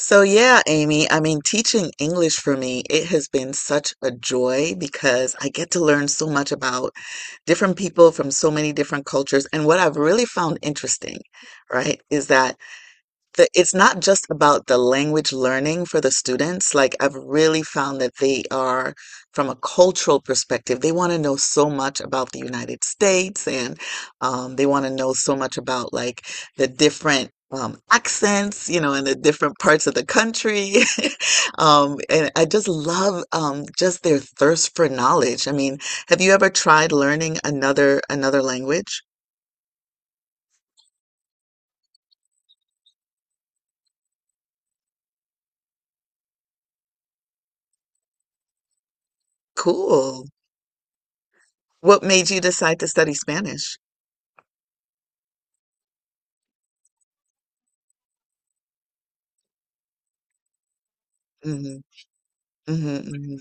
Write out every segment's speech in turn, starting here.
So, yeah, Amy, teaching English for me, it has been such a joy because I get to learn so much about different people from so many different cultures. And what I've really found interesting, right, is that it's not just about the language learning for the students. Like, I've really found that they are, from a cultural perspective, they want to know so much about the United States and they want to know so much about like the different accents, you know, and the different parts of the country. And I just love just their thirst for knowledge. I mean, have you ever tried learning another language? Cool. What made you decide to study Spanish? Mm-hmm. Mhm, mhm.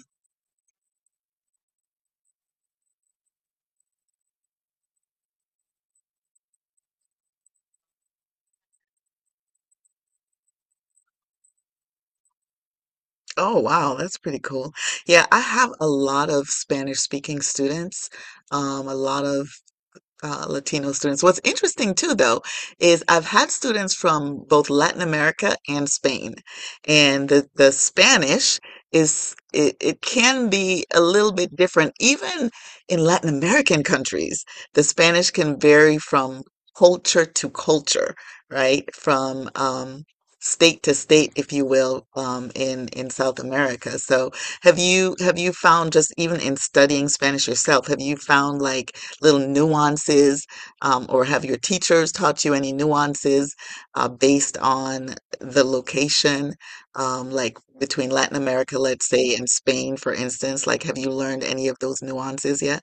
Oh, wow, that's pretty cool. Yeah, I have a lot of Spanish speaking students, a lot of Latino students. What's interesting too, though, is I've had students from both Latin America and Spain, and the Spanish is it can be a little bit different. Even in Latin American countries, the Spanish can vary from culture to culture, right? From state to state, if you will, in South America. So, have you found just even in studying Spanish yourself, have you found like little nuances, or have your teachers taught you any nuances based on the location, like between Latin America, let's say, and Spain, for instance? Like, have you learned any of those nuances yet?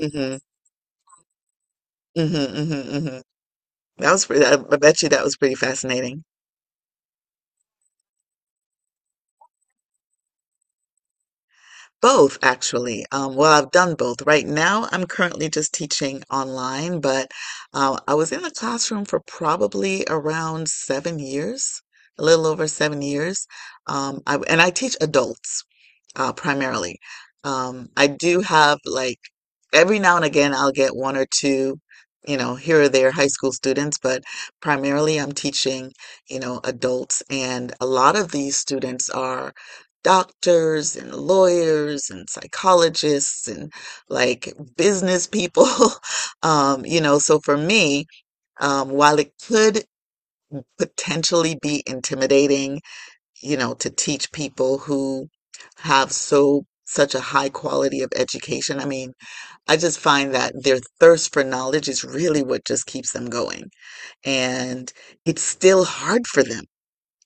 Mm-hmm. Mm-hmm. Mm-hmm. Mm-hmm. That was pretty, I bet you that was pretty fascinating. Both, actually. Well, I've done both. Right now, I'm currently just teaching online, but I was in the classroom for probably around 7 years, a little over 7 years. And I teach adults primarily. I do have like every now and again I'll get one or two, you know, here or there high school students, but primarily I'm teaching, you know, adults, and a lot of these students are doctors and lawyers and psychologists and like business people. You know, so for me, while it could potentially be intimidating, you know, to teach people who have such a high quality of education. I mean, I just find that their thirst for knowledge is really what just keeps them going. And it's still hard for them.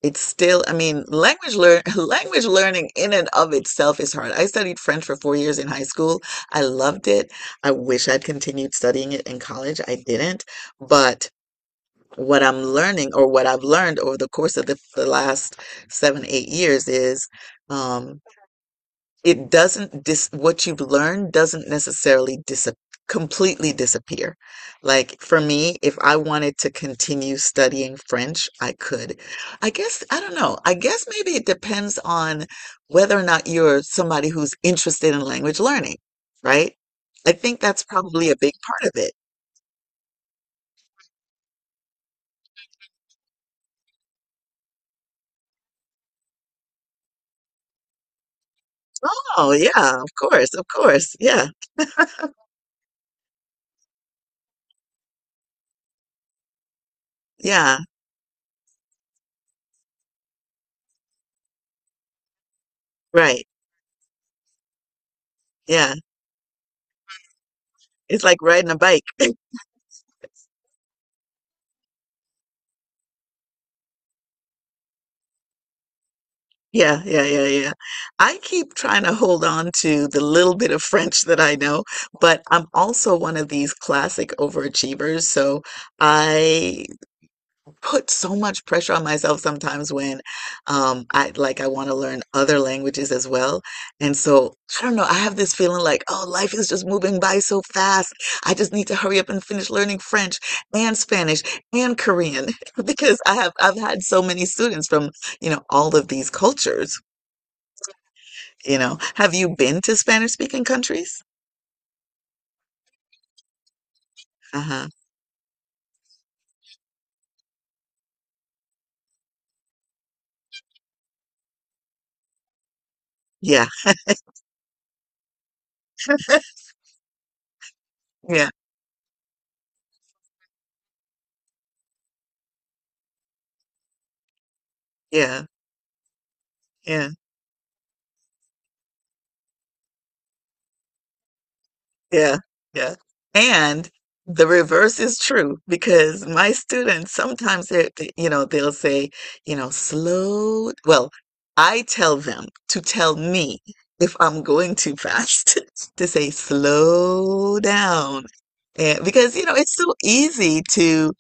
It's still, I mean, language learn language learning in and of itself is hard. I studied French for 4 years in high school. I loved it. I wish I'd continued studying it in college. I didn't, but what I'm learning or what I've learned over the course of the last seven, 8 years is um, it doesn't dis what you've learned doesn't necessarily dis completely disappear. Like for me, if I wanted to continue studying French, I could. I guess, I don't know. I guess maybe it depends on whether or not you're somebody who's interested in language learning, right? I think that's probably a big part of it. Oh, yeah, of course, of course. Yeah, yeah, right. Yeah, it's like riding a bike. Yeah, yeah, yeah, yeah. I keep trying to hold on to the little bit of French that I know, but I'm also one of these classic overachievers. So I put so much pressure on myself sometimes when I want to learn other languages as well. And so I don't know, I have this feeling like, oh, life is just moving by so fast. I just need to hurry up and finish learning French and Spanish and Korean because I have I've had so many students from, you know, all of these cultures, you know. Have you been to Spanish speaking countries? Uh-huh. Yeah. Yeah. Yeah. Yeah. Yeah, yeah. And the reverse is true because my students sometimes you know, they'll say, you know, slow. Well, I tell them to tell me if I'm going too fast to say slow down. And because, you know, it's so easy to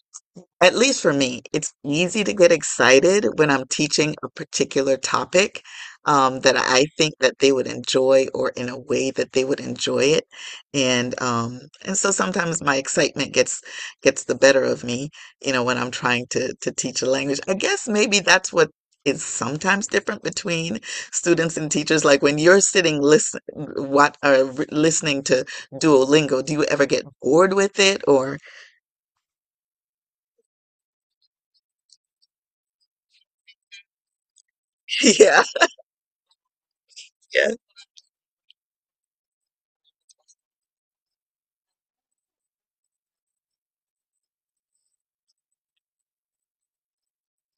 at least for me, it's easy to get excited when I'm teaching a particular topic that I think that they would enjoy or in a way that they would enjoy it. And so sometimes my excitement gets the better of me, you know, when I'm trying to teach a language. I guess maybe that's what is sometimes different between students and teachers. Like when you're sitting listening to Duolingo, do you ever get bored with it or yeah, yeah.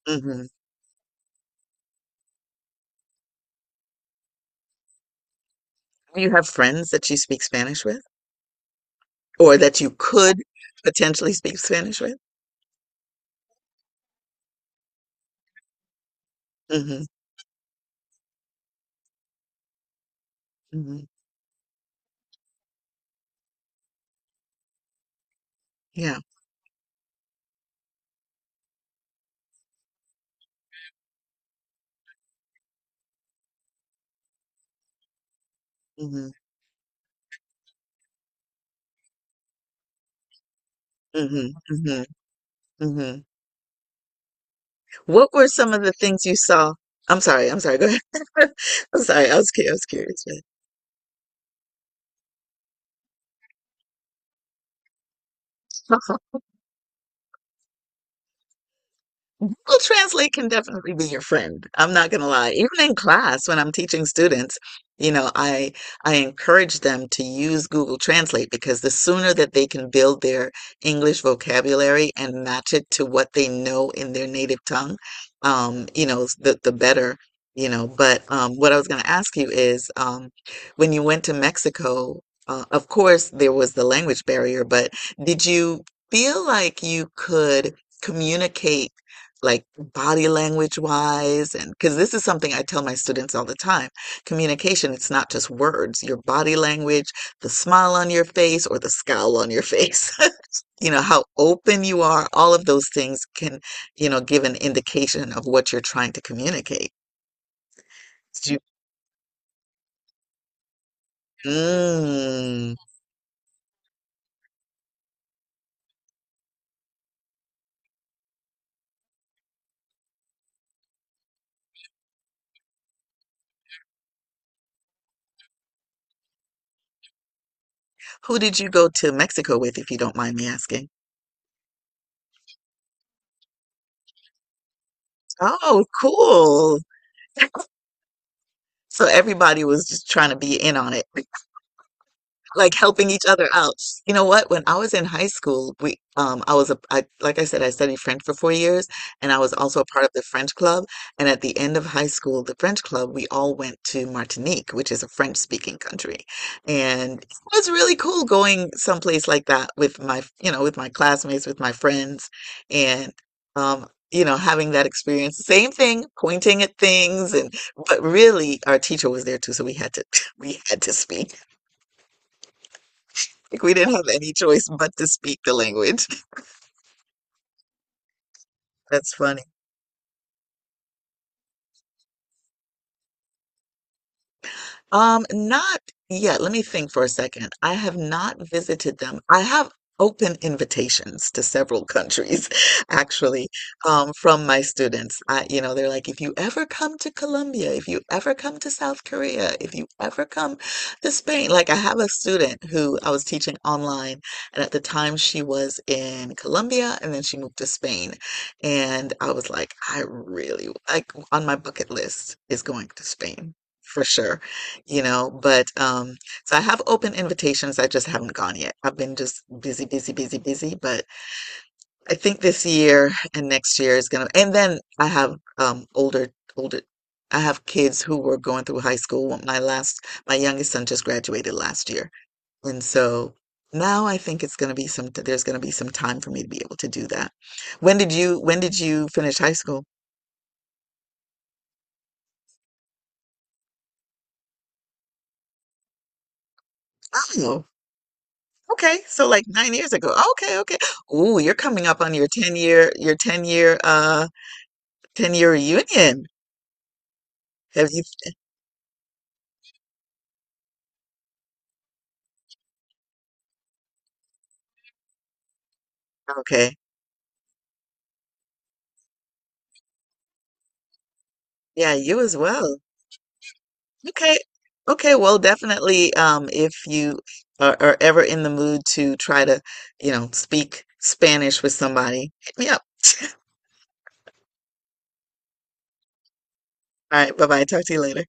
Mhm. Do you have friends that you speak Spanish with, or that you could potentially speak Spanish with? Hmm. Hmm. Yeah. Hmm. Hmm. Hmm. Hmm. What were some of the things you saw? I'm sorry. I'm sorry. Go ahead. I'm sorry. I was curious. Yeah. Google Translate can definitely be your friend. I'm not going to lie. Even in class, when I'm teaching students, you know, I encourage them to use Google Translate because the sooner that they can build their English vocabulary and match it to what they know in their native tongue, you know, the better, you know. But what I was going to ask you is, when you went to Mexico, of course there was the language barrier, but did you feel like you could communicate? Like body language wise and because this is something I tell my students all the time. Communication, it's not just words. Your body language, the smile on your face or the scowl on your face. You know, how open you are, all of those things can, you know, give an indication of what you're trying to communicate. Did you, mm, who did you go to Mexico with, if you don't mind me asking? Oh, cool. So everybody was just trying to be in on it. Like helping each other out. You know what? When I was in high school, we I was a I said, I studied French for 4 years and I was also a part of the French club. And at the end of high school, the French club, we all went to Martinique, which is a French speaking country. And it was really cool going someplace like that with my, you know, with my classmates, with my friends and um you know, having that experience, same thing, pointing at things, and but really, our teacher was there too, so we had to we had to speak. Like we didn't have any choice but to speak the language. That's funny. Not yet. Let me think for a second. I have not visited them. I have open invitations to several countries, actually, from my students. I, you know, they're like, if you ever come to Colombia, if you ever come to South Korea, if you ever come to Spain. Like, I have a student who I was teaching online, and at the time she was in Colombia, and then she moved to Spain. And I was like, I really, like, on my bucket list is going to Spain for sure, you know, but so I have open invitations. I just haven't gone yet. I've been just busy, busy, busy, busy. But I think this year and next year is gonna, and then I have older, older, I have kids who were going through high school. My youngest son just graduated last year, and so now I think it's gonna be some, there's gonna be some time for me to be able to do that. When did you finish high school? Oh. Okay, so like 9 years ago. Okay, okay. Ooh, you're coming up on 10-year reunion. Have you? Okay. Yeah, you as well. Okay. Okay. Well, definitely, if you are ever in the mood to try to, you know, speak Spanish with somebody, hit me up. All right. Bye bye. Talk to you later.